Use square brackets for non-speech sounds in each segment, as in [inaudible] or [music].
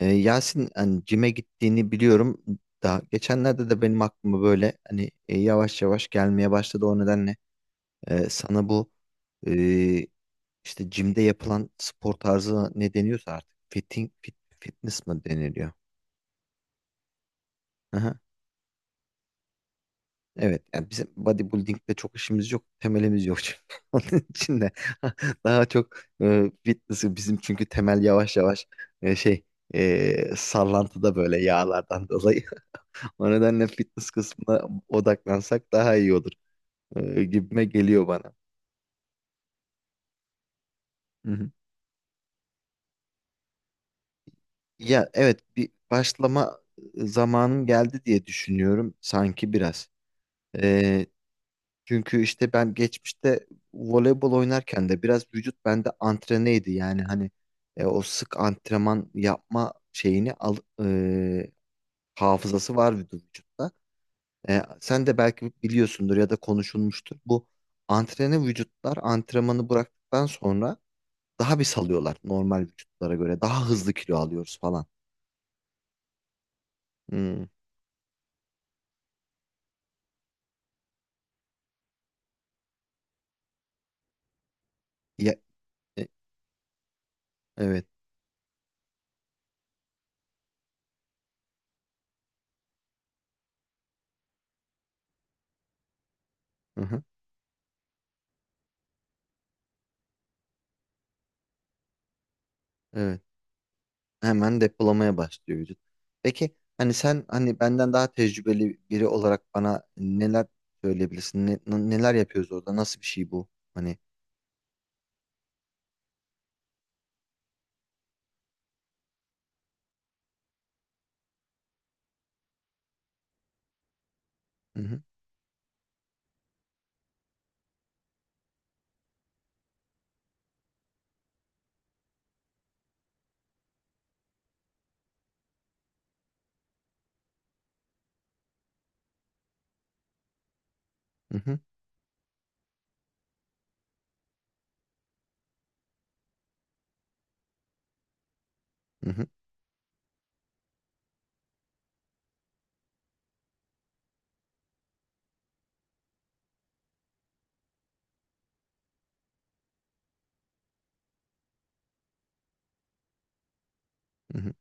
Yasin hani cime gittiğini biliyorum. Daha geçenlerde de benim aklıma böyle hani yavaş yavaş gelmeye başladı. O nedenle sana bu e, işte cimde yapılan spor tarzı ne deniyorsa artık fitness mı deniliyor? Aha, evet yani bizim bodybuilding'de çok işimiz yok. Temelimiz yok çünkü. [laughs] Onun için de [laughs] daha çok fitness'ı bizim çünkü temel yavaş yavaş şey sallantıda böyle yağlardan dolayı. O nedenle fitness kısmına odaklansak daha iyi olur, gibime geliyor bana. Hı hı. Ya evet, bir başlama zamanım geldi diye düşünüyorum sanki biraz. Ee, Çünkü işte ben geçmişte voleybol oynarken de biraz vücut bende antreneydi. Yani hani o sık antrenman yapma şeyini e, hafızası var vücutta. Sen de belki biliyorsundur ya da konuşulmuştur. Bu antrene vücutlar antrenmanı bıraktıktan sonra daha bir salıyorlar normal vücutlara göre. Daha hızlı kilo alıyoruz falan. Hmm. Ya, e- evet. Hı-hı. Evet. Hemen depolamaya başlıyor vücut. Peki hani sen, hani benden daha tecrübeli biri olarak, bana neler söyleyebilirsin? Neler yapıyoruz orada? Nasıl bir şey bu? Hani. Hı-hı, hı-hı, hı-hı, hı-hı,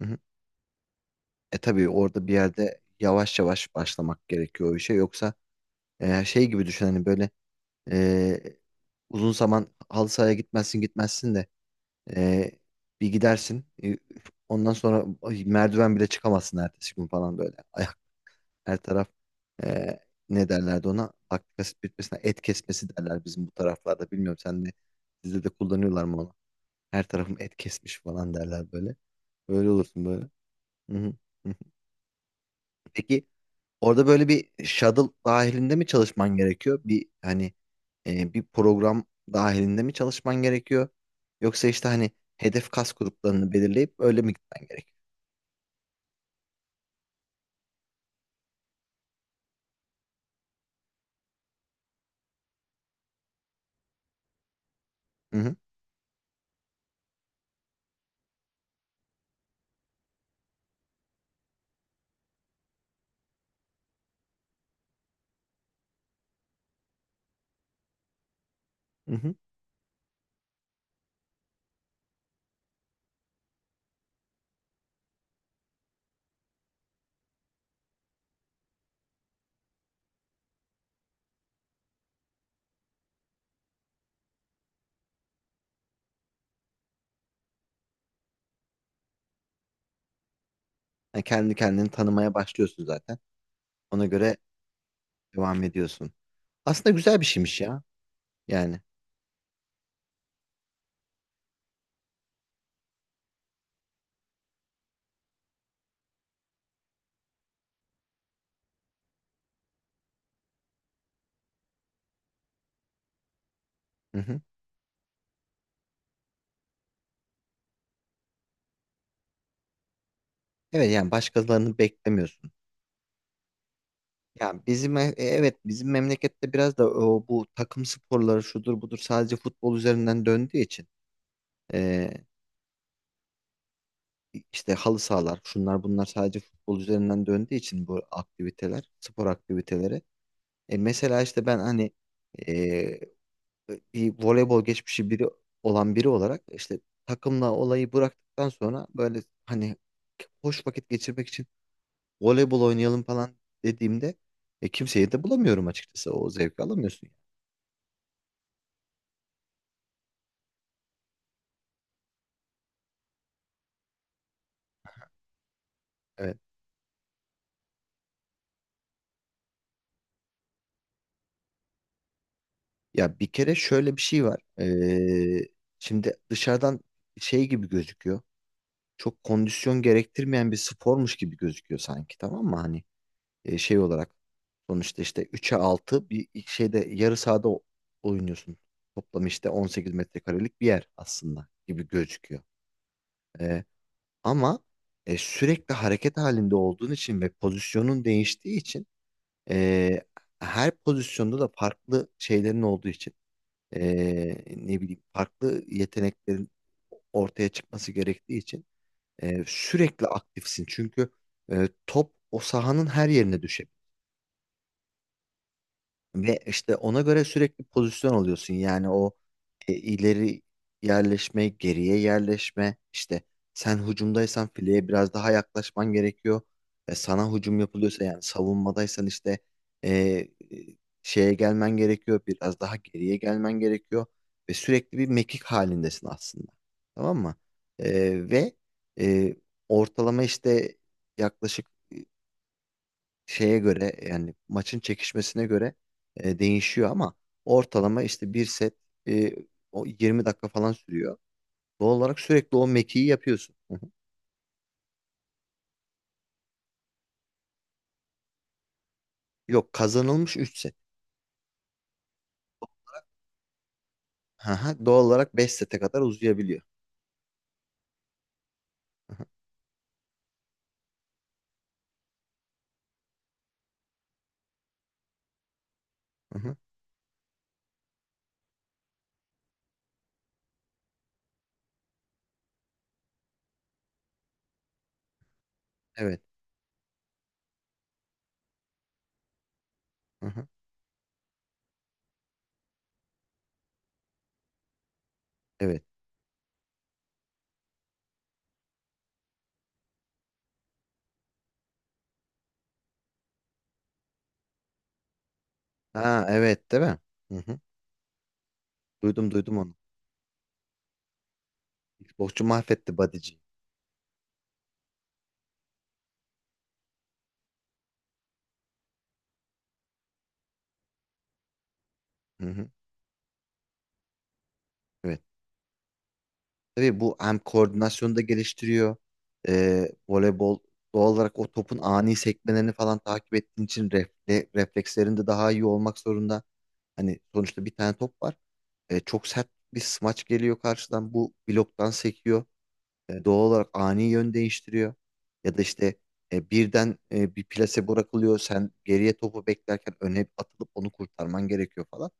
hı-hı. Tabii, orada bir yerde yavaş yavaş başlamak gerekiyor o işe. Yoksa şey gibi düşün, hani böyle, e, uzun zaman halı sahaya gitmezsin gitmezsin de Ee, bir gidersin. Ondan sonra ay, merdiven bile çıkamazsın ertesi gün falan böyle. Ayak, her taraf, e, ne derlerdi ona? Laktik asit bitmesine et kesmesi derler bizim bu taraflarda. Bilmiyorum, sen de sizde de kullanıyorlar mı onu? Her tarafım et kesmiş falan derler böyle. Öyle olursun böyle. Hı hı, hı hı. Peki, orada böyle bir shuttle dahilinde mi çalışman gerekiyor? Bir hani bir program dahilinde mi çalışman gerekiyor? Yoksa işte hani hedef kas gruplarını belirleyip öyle mi gitmen gerekiyor? Hı hı, hı hı. Yani kendi kendini tanımaya başlıyorsun zaten. Ona göre devam ediyorsun. Aslında güzel bir şeymiş ya. Yani. Hı hı. Evet, yani başkalarını beklemiyorsun. Yani bizim, evet, bizim memlekette biraz da o, bu takım sporları şudur budur sadece futbol üzerinden döndüğü için. İşte halı sahalar, şunlar bunlar sadece futbol üzerinden döndüğü için bu aktiviteler, spor aktiviteleri. Mesela işte ben hani e, bir voleybol geçmişi biri olan biri olarak, işte takımla olayı bıraktıktan sonra böyle hani hoş vakit geçirmek için voleybol oynayalım falan dediğimde, kimseyi de bulamıyorum açıkçası. O zevki alamıyorsun yani. Evet. Ya, bir kere şöyle bir şey var. Şimdi dışarıdan şey gibi gözüküyor. Çok kondisyon gerektirmeyen bir spormuş gibi gözüküyor sanki, tamam mı? Hani şey olarak sonuçta işte 3'e 6 bir şeyde yarı sahada oynuyorsun. Toplam işte 18 metrekarelik bir yer aslında gibi gözüküyor. E, Ama sürekli hareket halinde olduğun için ve pozisyonun değiştiği için, e, her pozisyonda da farklı şeylerin olduğu için, e, ne bileyim farklı yeteneklerin ortaya çıkması gerektiği için, sürekli aktifsin, çünkü top o sahanın her yerine düşebilir. Ve işte ona göre sürekli pozisyon alıyorsun. Yani o ileri yerleşme, geriye yerleşme. İşte sen hücumdaysan fileye biraz daha yaklaşman gerekiyor. Sana hücum yapılıyorsa, yani savunmadaysan işte, e, e, şeye gelmen gerekiyor. Biraz daha geriye gelmen gerekiyor. Ve sürekli bir mekik halindesin aslında. Tamam mı? E, ve e, Ortalama işte yaklaşık, e, şeye göre yani maçın çekişmesine göre değişiyor, ama ortalama işte bir set e, o 20 dakika falan sürüyor. Doğal olarak sürekli o mekiği yapıyorsun. Hı hı. Yok, kazanılmış 3 set. Hı hı. Doğal olarak 5 sete kadar uzayabiliyor. Hı hı. Hı hı. Evet. Hı hı. Evet. Ha evet, değil mi? Hı hı. Duydum duydum onu. Boşçu mahvetti body'ciyi. Hı hı. Evet. Tabii, bu hem koordinasyonu da geliştiriyor. Voleybol, doğal olarak o topun ani sekmelerini falan takip ettiğin için, reflekslerin de daha iyi olmak zorunda. Hani sonuçta bir tane top var. Çok sert bir smaç geliyor karşıdan. Bu bloktan sekiyor. Doğal olarak ani yön değiştiriyor. Ya da işte birden bir plase bırakılıyor. Sen geriye topu beklerken öne atılıp onu kurtarman gerekiyor falan.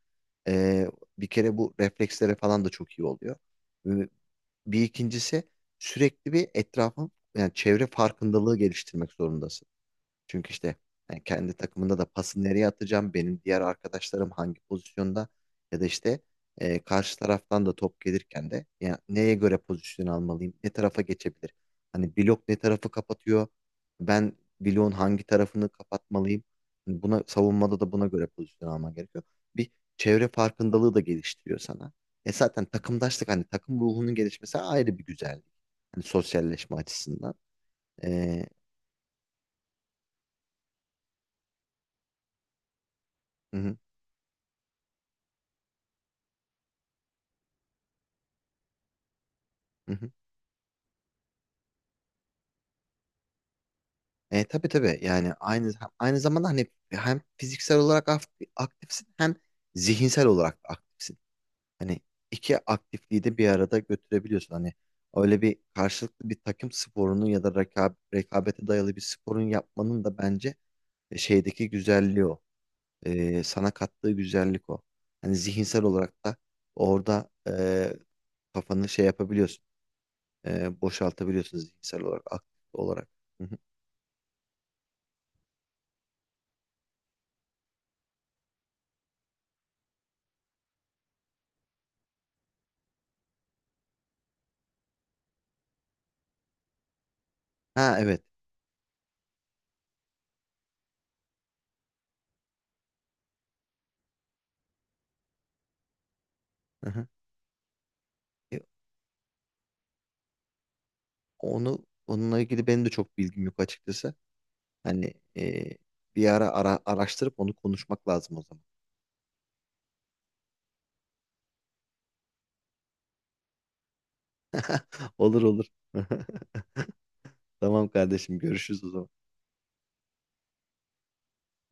Ee, Bir kere bu reflekslere falan da çok iyi oluyor. Bir ikincisi, sürekli bir etrafın yani çevre farkındalığı geliştirmek zorundasın. Çünkü işte yani kendi takımında da pası nereye atacağım, benim diğer arkadaşlarım hangi pozisyonda, ya da işte karşı taraftan da top gelirken de yani neye göre pozisyon almalıyım, ne tarafa geçebilir? Hani blok ne tarafı kapatıyor, ben bloğun hangi tarafını kapatmalıyım? Hani buna, savunmada da buna göre pozisyon alman gerekiyor. Bir çevre farkındalığı da geliştiriyor sana. Zaten takımdaşlık, hani takım ruhunun gelişmesi ayrı bir güzellik. Hani sosyalleşme açısından. E, hı hı, hı hı. Tabii tabii, yani aynı, zamanda hani hem fiziksel olarak aktifsin, hem zihinsel olarak da aktifsin. Hani iki aktifliği de bir arada götürebiliyorsun. Hani öyle bir karşılıklı bir takım sporunu ya da rekabete dayalı bir sporun yapmanın da bence, şeydeki güzelliği o. Sana kattığı güzellik o. Hani zihinsel olarak da orada kafanı şey yapabiliyorsun, boşaltabiliyorsunuz zihinsel olarak, aktif olarak. Hı hı. Ha evet. Hı hı. E, Onunla ilgili benim de çok bilgim yok açıkçası. Hani bir ara, araştırıp onu konuşmak lazım o zaman. [laughs] Olur olur. [laughs] Tamam kardeşim, görüşürüz o zaman.